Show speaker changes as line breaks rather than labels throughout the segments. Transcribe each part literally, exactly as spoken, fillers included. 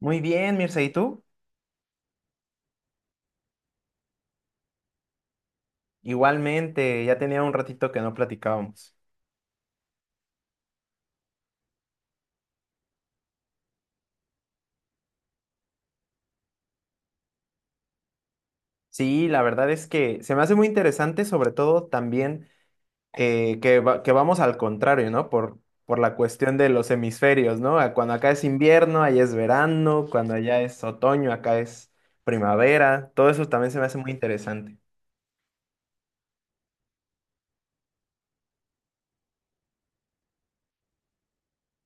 Muy bien, Mirza, ¿y tú? Igualmente, ya tenía un ratito que no platicábamos. Sí, la verdad es que se me hace muy interesante, sobre todo también eh, que, va- que vamos al contrario, ¿no? Por, por la cuestión de los hemisferios, ¿no? A- Cuando acá es invierno, allá es verano, cuando allá es otoño, acá es primavera. Todo eso también se me hace muy interesante.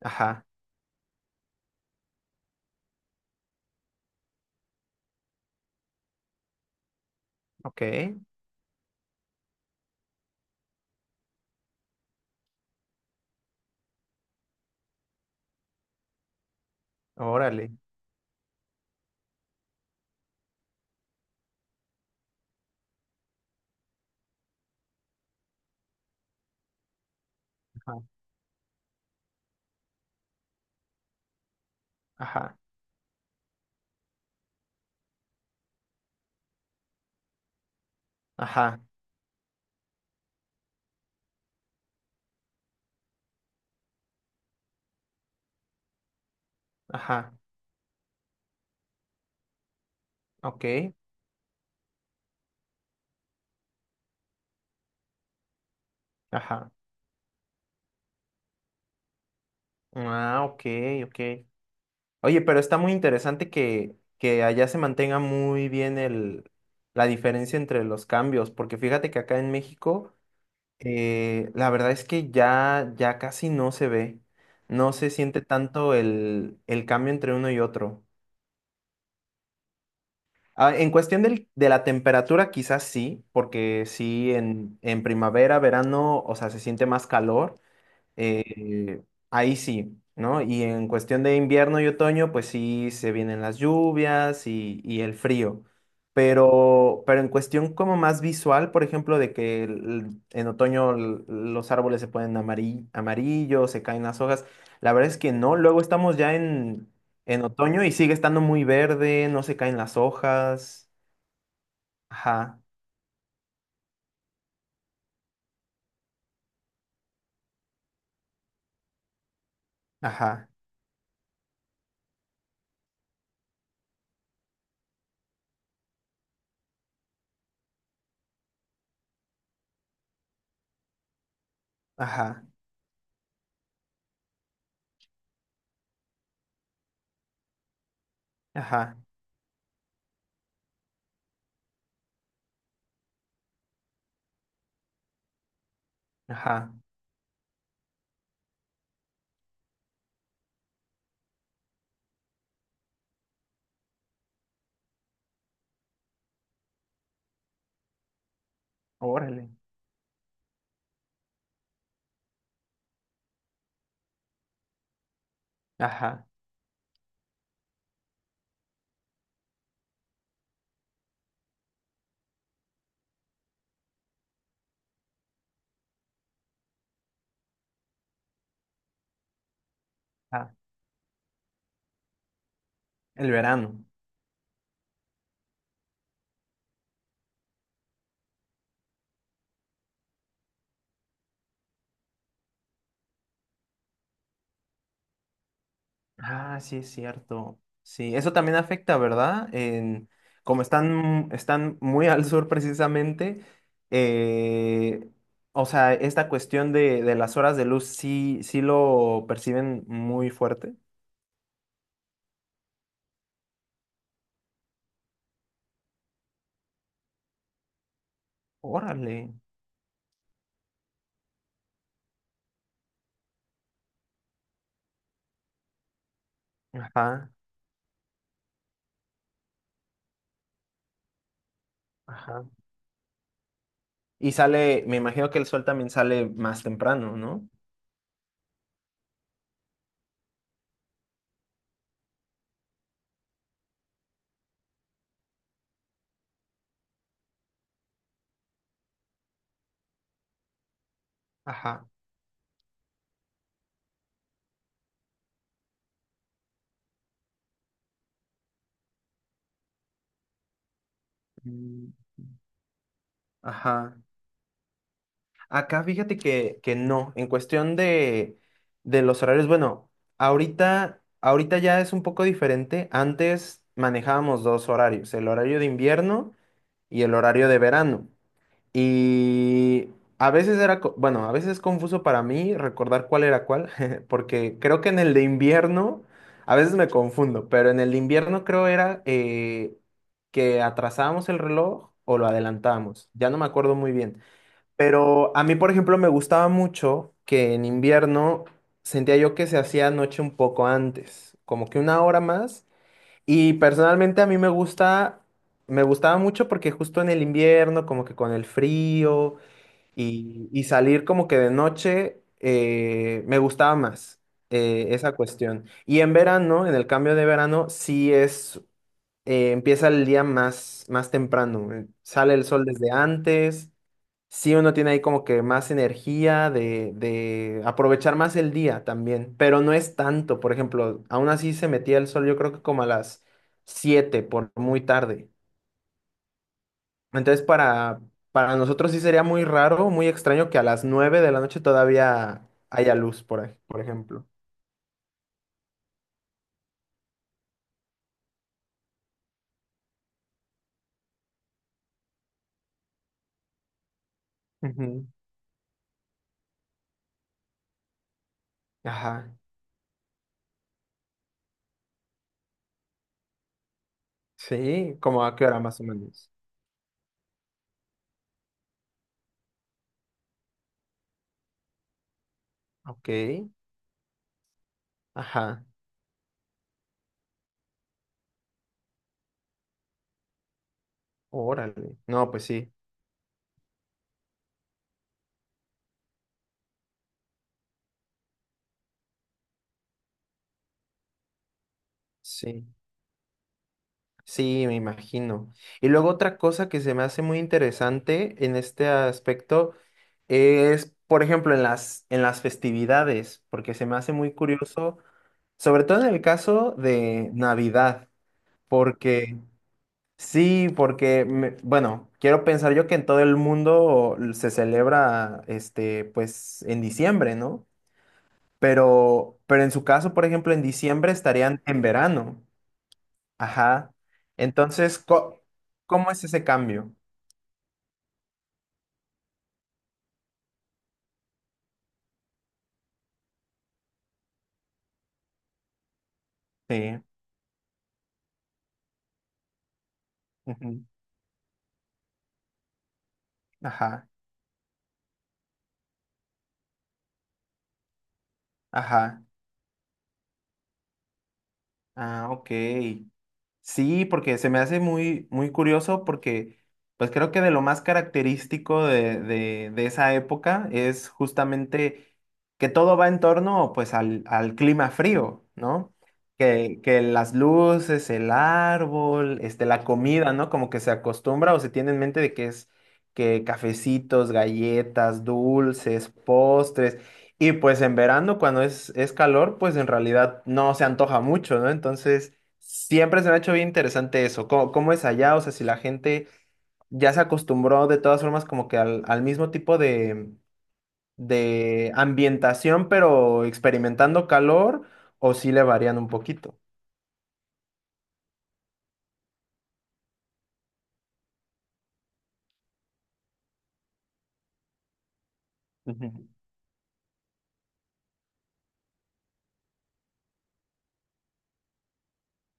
Ajá, ok, órale. Ajá, ajá, ajá, ajá, ok, ajá. Ah, ok, ok. Oye, pero está muy interesante que, que allá se mantenga muy bien el, la diferencia entre los cambios, porque fíjate que acá en México, eh, la verdad es que ya, ya casi no se ve, no se siente tanto el, el cambio entre uno y otro. Ah, en cuestión del- de la temperatura, quizás sí, porque sí, en, en primavera, verano, o sea, se siente más calor. Eh, ahí sí, ¿no? Y en cuestión de invierno y otoño, pues sí se vienen las lluvias y, y el frío. Pero, pero en cuestión como más visual, por ejemplo, de que el- en otoño l- los árboles se ponen amari- amarillos, amarillo, se caen las hojas, la verdad es que no. Luego estamos ya en, en otoño y sigue estando muy verde, no se caen las hojas. Ajá, ajá, ajá, ajá, ajá. Órale. Ajá, ajá. El verano. Ah, sí, es cierto. Sí, eso también afecta, ¿verdad? En, como están, están muy al sur precisamente, eh, o sea, esta cuestión de, de las horas de luz sí, sí lo perciben muy fuerte. Órale. Ajá, ajá. Y sale, me imagino que el sol también sale más temprano, ¿no? Ajá. Mm, ajá. Acá fíjate que, que no, en cuestión de, de los horarios, bueno, ahorita, ahorita ya es un poco diferente. Antes manejábamos dos horarios, el horario de invierno y el horario de verano. Y a veces era, co- bueno, a veces es confuso para mí recordar cuál era cuál, porque creo que en el de invierno, a veces me confundo, pero en el de invierno creo era eh, que atrasábamos el reloj o lo adelantábamos. Ya no me acuerdo muy bien. Pero a mí, por ejemplo, me gustaba mucho que en invierno sentía yo que se hacía noche un poco antes, como que una hora más. Y personalmente a mí me gusta, me gustaba mucho porque justo en el invierno, como que con el frío y, y salir como que de noche, eh, me gustaba más eh, esa cuestión. Y en verano, en el cambio de verano, sí es, eh, empieza el día más, más temprano, eh, sale el sol desde antes. Sí, uno tiene ahí como que más energía de, de aprovechar más el día también, pero no es tanto. Por ejemplo, aún así se metía el sol, yo creo que como a las siete por muy tarde. Entonces, para, para nosotros sí sería muy raro, muy extraño que a las nueve de la noche todavía haya luz, por, ej- por ejemplo. Ujú. Ajá. Sí, como a qué hora más o menos. Ok. Ajá. Órale. No, pues sí. Sí. Sí, me imagino. Y luego otra cosa que se me hace muy interesante en este aspecto es, por ejemplo, en las, en las festividades, porque se me hace muy curioso, sobre todo en el caso de Navidad, porque sí, porque, me- bueno, quiero pensar yo que en todo el mundo se celebra, este, pues, en diciembre, ¿no? Pero, pero en su caso, por ejemplo, en diciembre estarían en verano. Ajá. Entonces, co- ¿cómo es ese cambio? Sí, ujú, ajá. Ajá. Ah, ok. Sí, porque se me hace muy, muy curioso porque pues creo que de lo más característico de, de, de esa época es justamente que todo va en torno pues al, al clima frío, ¿no? Que, que las luces, el árbol, este, la comida, ¿no? Como que se acostumbra o se tiene en mente de que es que cafecitos, galletas, dulces, postres. Y pues en verano, cuando es, es calor, pues en realidad no se antoja mucho, ¿no? Entonces, siempre se me ha hecho bien interesante eso. ¿Cómo, cómo es allá? O sea, si la gente ya se acostumbró de todas formas como que al, al mismo tipo de, de ambientación, pero experimentando calor, o si le varían un poquito. Ujú.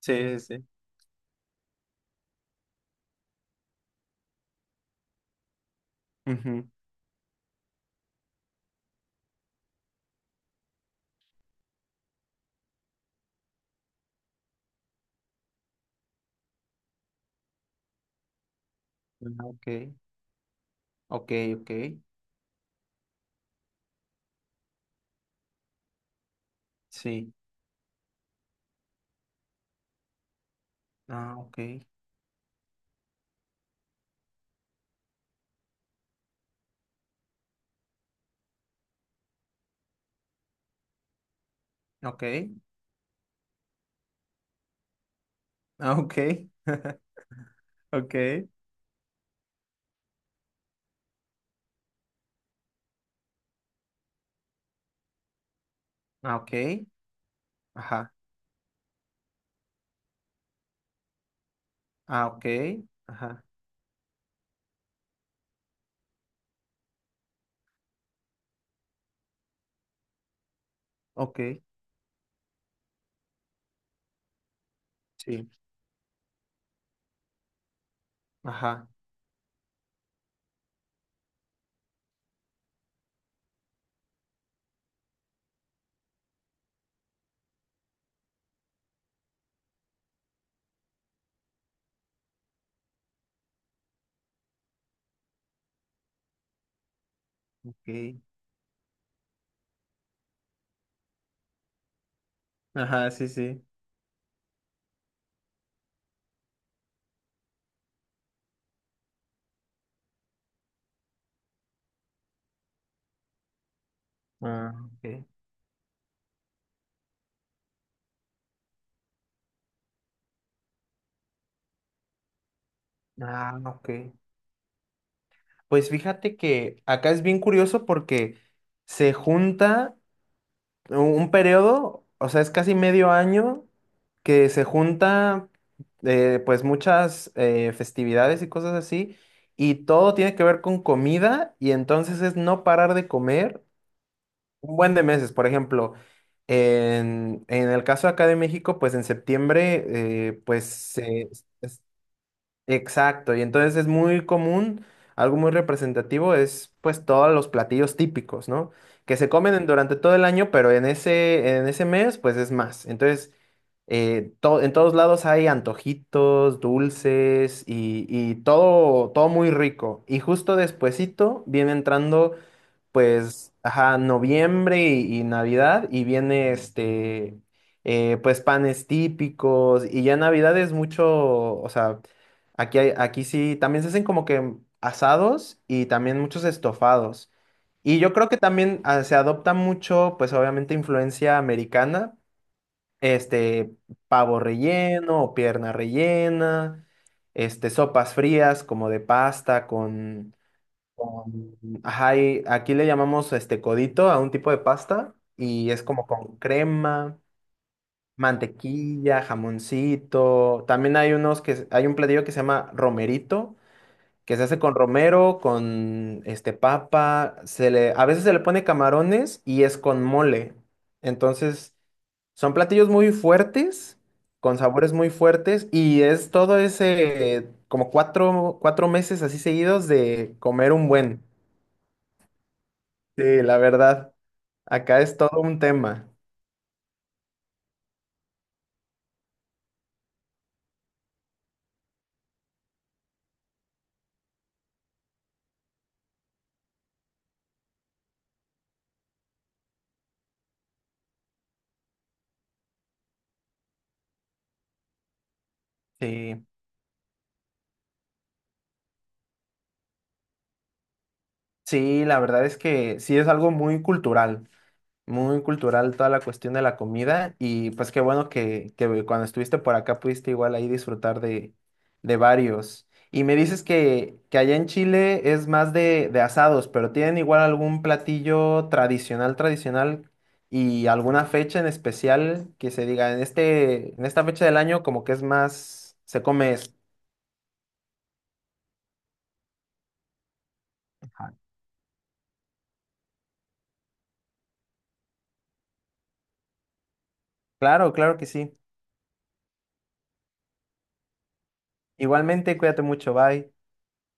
Sí, sí. Ujú. Ah, ok, ok, ok. Sí. Ah, ok. Ok. Ah, ok. Ok. Ah, ok. Ajá. Ah, ok. Ajá. Ok. Sí. Ajá. Ok. Ajá, sí, sí. Ah, ok. Ah, ok. Pues fíjate que acá es bien curioso porque se junta u- un periodo, o sea, es casi medio año que se junta eh, pues muchas eh, festividades y cosas así, y todo tiene que ver con comida, y entonces es no parar de comer un buen de meses, por ejemplo, en, en el caso acá de México, pues en septiembre, eh, pues se- es- exacto, y entonces es muy común, algo muy representativo es pues todos los platillos típicos, ¿no? Que se comen en- durante todo el año, pero en ese, en ese mes, pues es más. Entonces, eh, to- en todos lados hay antojitos, dulces y, y todo, todo muy rico. Y justo despuesito viene entrando pues, ajá, noviembre y, y Navidad, y viene este, eh, pues panes típicos, y ya Navidad es mucho, o sea, aquí, hay- aquí sí, también se hacen como que asados y también muchos estofados. Y yo creo que también ah, se adopta mucho, pues obviamente influencia americana, este, pavo relleno o pierna rellena, este, sopas frías como de pasta con- ajá, y aquí le llamamos este codito a un tipo de pasta y es como con crema, mantequilla, jamoncito. También hay unos que hay un platillo que se llama romerito, que se hace con romero, con este papa, se le a veces se le pone camarones y es con mole. Entonces, son platillos muy fuertes, con sabores muy fuertes y es todo ese como cuatro, cuatro meses así seguidos de comer un buen. Sí, la verdad, acá es todo un tema. Sí, sí, la verdad es que sí es algo muy cultural, muy cultural toda la cuestión de la comida y pues qué bueno que, que cuando estuviste por acá pudiste igual ahí disfrutar de, de varios. Y me dices que, que allá en Chile es más de, de asados, pero ¿tienen igual algún platillo tradicional, tradicional y alguna fecha en especial que se diga en este, en esta fecha del año como que es más, se come esto? Claro, claro que sí. Igualmente, cuídate mucho, bye.